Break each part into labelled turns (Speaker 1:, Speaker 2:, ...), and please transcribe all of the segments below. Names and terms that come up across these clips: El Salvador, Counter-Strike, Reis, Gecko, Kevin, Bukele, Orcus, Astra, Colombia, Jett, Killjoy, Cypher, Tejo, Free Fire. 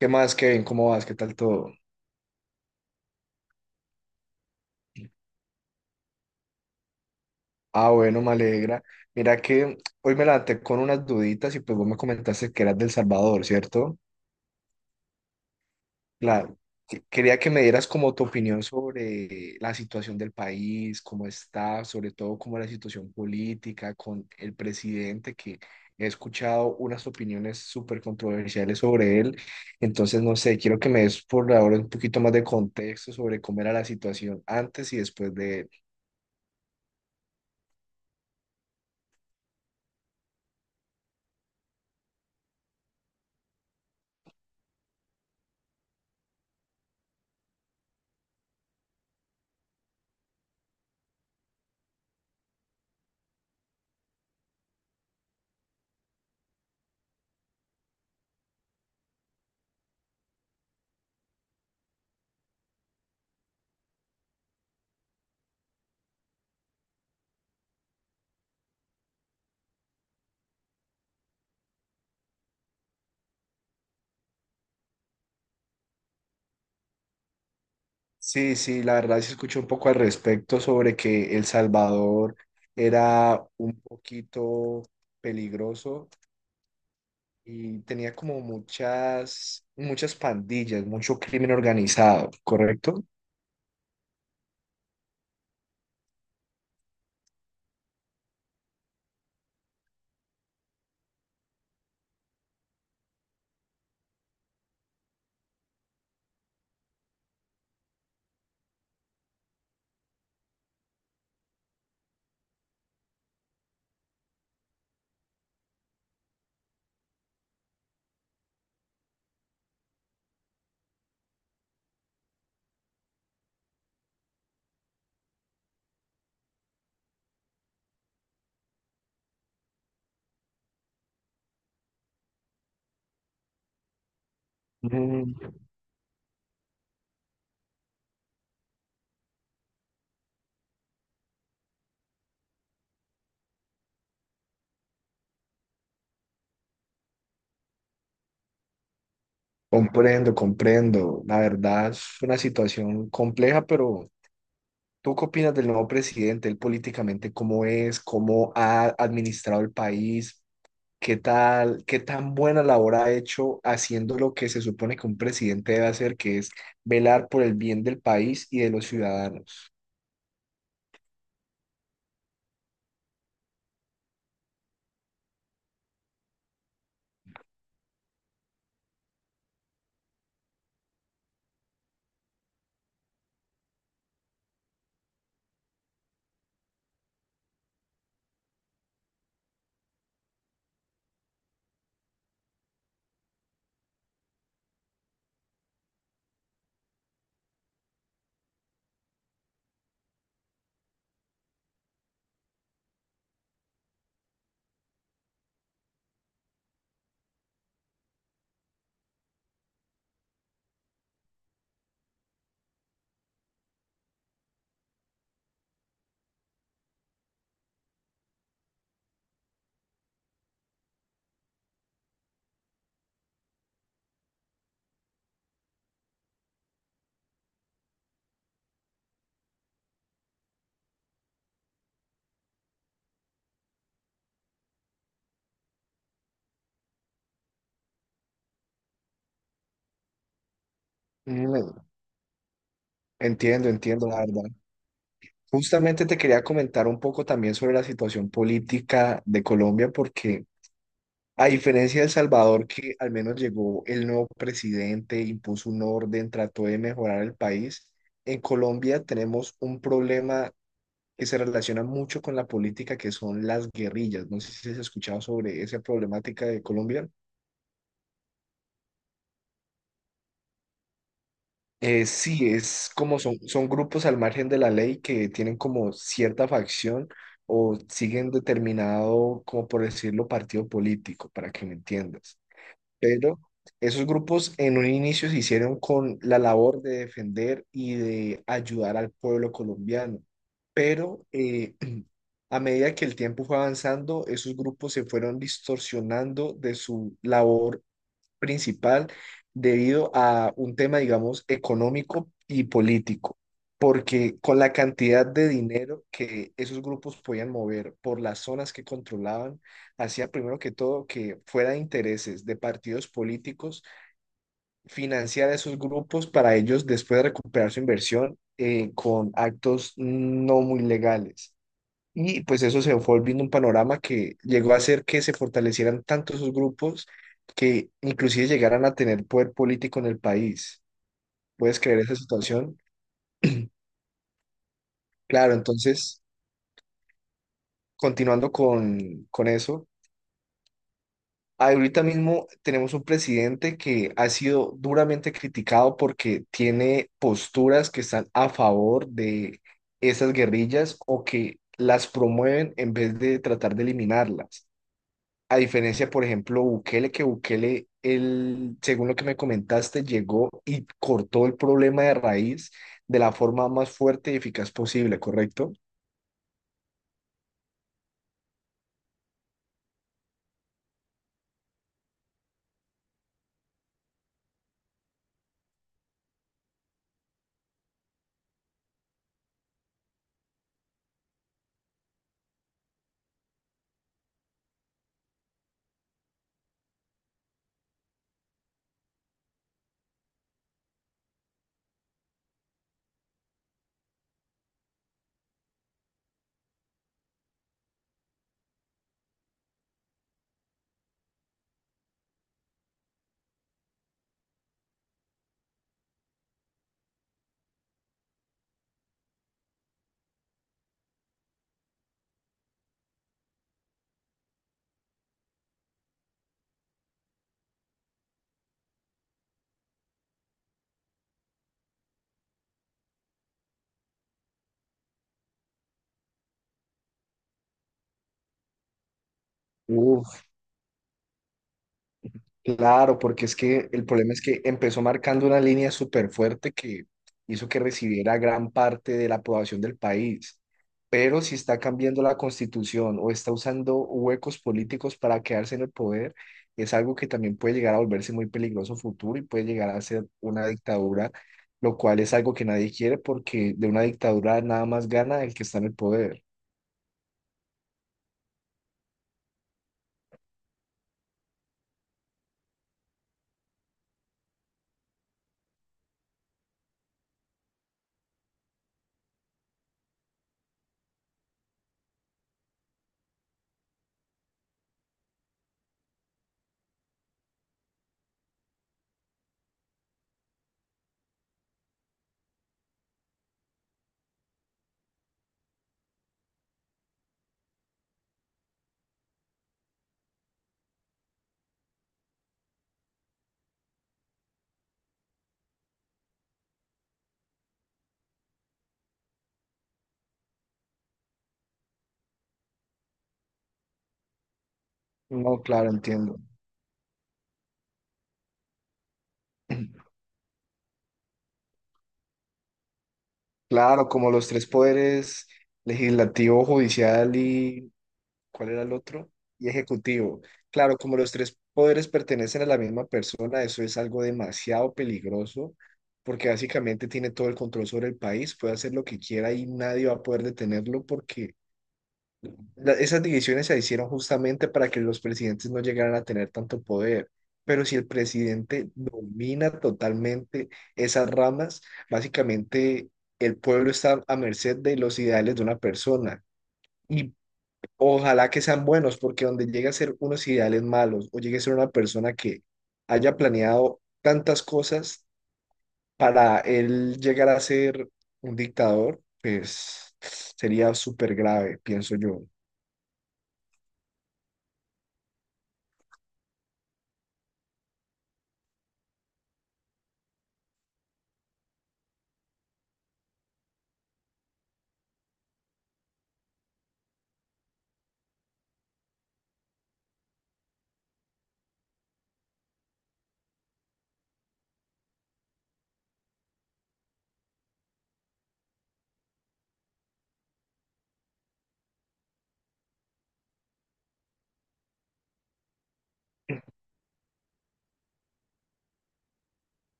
Speaker 1: ¿Qué más, Kevin? ¿Cómo vas? ¿Qué tal todo? Ah, bueno, me alegra. Mira que hoy me levanté con unas duditas y pues vos me comentaste que eras del Salvador, ¿cierto? Claro. Quería que me dieras como tu opinión sobre la situación del país, cómo está, sobre todo como la situación política con el presidente, que he escuchado unas opiniones súper controversiales sobre él. Entonces, no sé, quiero que me des por ahora un poquito más de contexto sobre cómo era la situación antes y después de él. Sí, sí, la verdad se escuchó un poco al respecto sobre que El Salvador era un poquito peligroso y tenía como muchas pandillas, mucho crimen organizado, ¿correcto? Mm, comprendo, comprendo. La verdad es una situación compleja, pero ¿tú qué opinas del nuevo presidente? Él políticamente, ¿cómo es? ¿Cómo ha administrado el país? ¿Qué tal, qué tan buena labor ha hecho haciendo lo que se supone que un presidente debe hacer, que es velar por el bien del país y de los ciudadanos? Mm. Entiendo, entiendo, la verdad. Justamente te quería comentar un poco también sobre la situación política de Colombia, porque a diferencia de El Salvador, que al menos llegó el nuevo presidente, impuso un orden, trató de mejorar el país, en Colombia tenemos un problema que se relaciona mucho con la política, que son las guerrillas. No sé si has escuchado sobre esa problemática de Colombia. Sí, es como son grupos al margen de la ley que tienen como cierta facción o siguen determinado, como por decirlo, partido político, para que me entiendas. Pero esos grupos en un inicio se hicieron con la labor de defender y de ayudar al pueblo colombiano. Pero a medida que el tiempo fue avanzando, esos grupos se fueron distorsionando de su labor principal debido a un tema, digamos, económico y político, porque con la cantidad de dinero que esos grupos podían mover por las zonas que controlaban, hacía primero que todo que fuera de intereses de partidos políticos financiar a esos grupos para ellos después recuperar su inversión con actos no muy legales. Y pues eso se fue volviendo un panorama que llegó a hacer que se fortalecieran tanto esos grupos que inclusive llegaran a tener poder político en el país. ¿Puedes creer esa situación? Claro, entonces, continuando con eso, ahorita mismo tenemos un presidente que ha sido duramente criticado porque tiene posturas que están a favor de esas guerrillas o que las promueven en vez de tratar de eliminarlas. A diferencia, por ejemplo, Bukele, que Bukele, él, según lo que me comentaste, llegó y cortó el problema de raíz de la forma más fuerte y eficaz posible, ¿correcto? Uf, claro, porque es que el problema es que empezó marcando una línea súper fuerte que hizo que recibiera gran parte de la aprobación del país. Pero si está cambiando la constitución o está usando huecos políticos para quedarse en el poder, es algo que también puede llegar a volverse muy peligroso futuro y puede llegar a ser una dictadura, lo cual es algo que nadie quiere porque de una dictadura nada más gana el que está en el poder. No, claro, entiendo. Claro, como los tres poderes, legislativo, judicial y ¿cuál era el otro? Y ejecutivo. Claro, como los tres poderes pertenecen a la misma persona, eso es algo demasiado peligroso porque básicamente tiene todo el control sobre el país, puede hacer lo que quiera y nadie va a poder detenerlo porque esas divisiones se hicieron justamente para que los presidentes no llegaran a tener tanto poder. Pero si el presidente domina totalmente esas ramas, básicamente el pueblo está a merced de los ideales de una persona. Y ojalá que sean buenos, porque donde llegue a ser unos ideales malos o llegue a ser una persona que haya planeado tantas cosas para él llegar a ser un dictador, pues sería súper grave, pienso yo.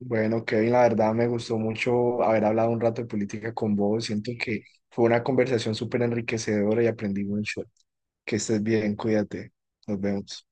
Speaker 1: Bueno, Kevin, la verdad me gustó mucho haber hablado un rato de política con vos. Siento que fue una conversación súper enriquecedora y aprendí mucho. Que estés bien, cuídate. Nos vemos.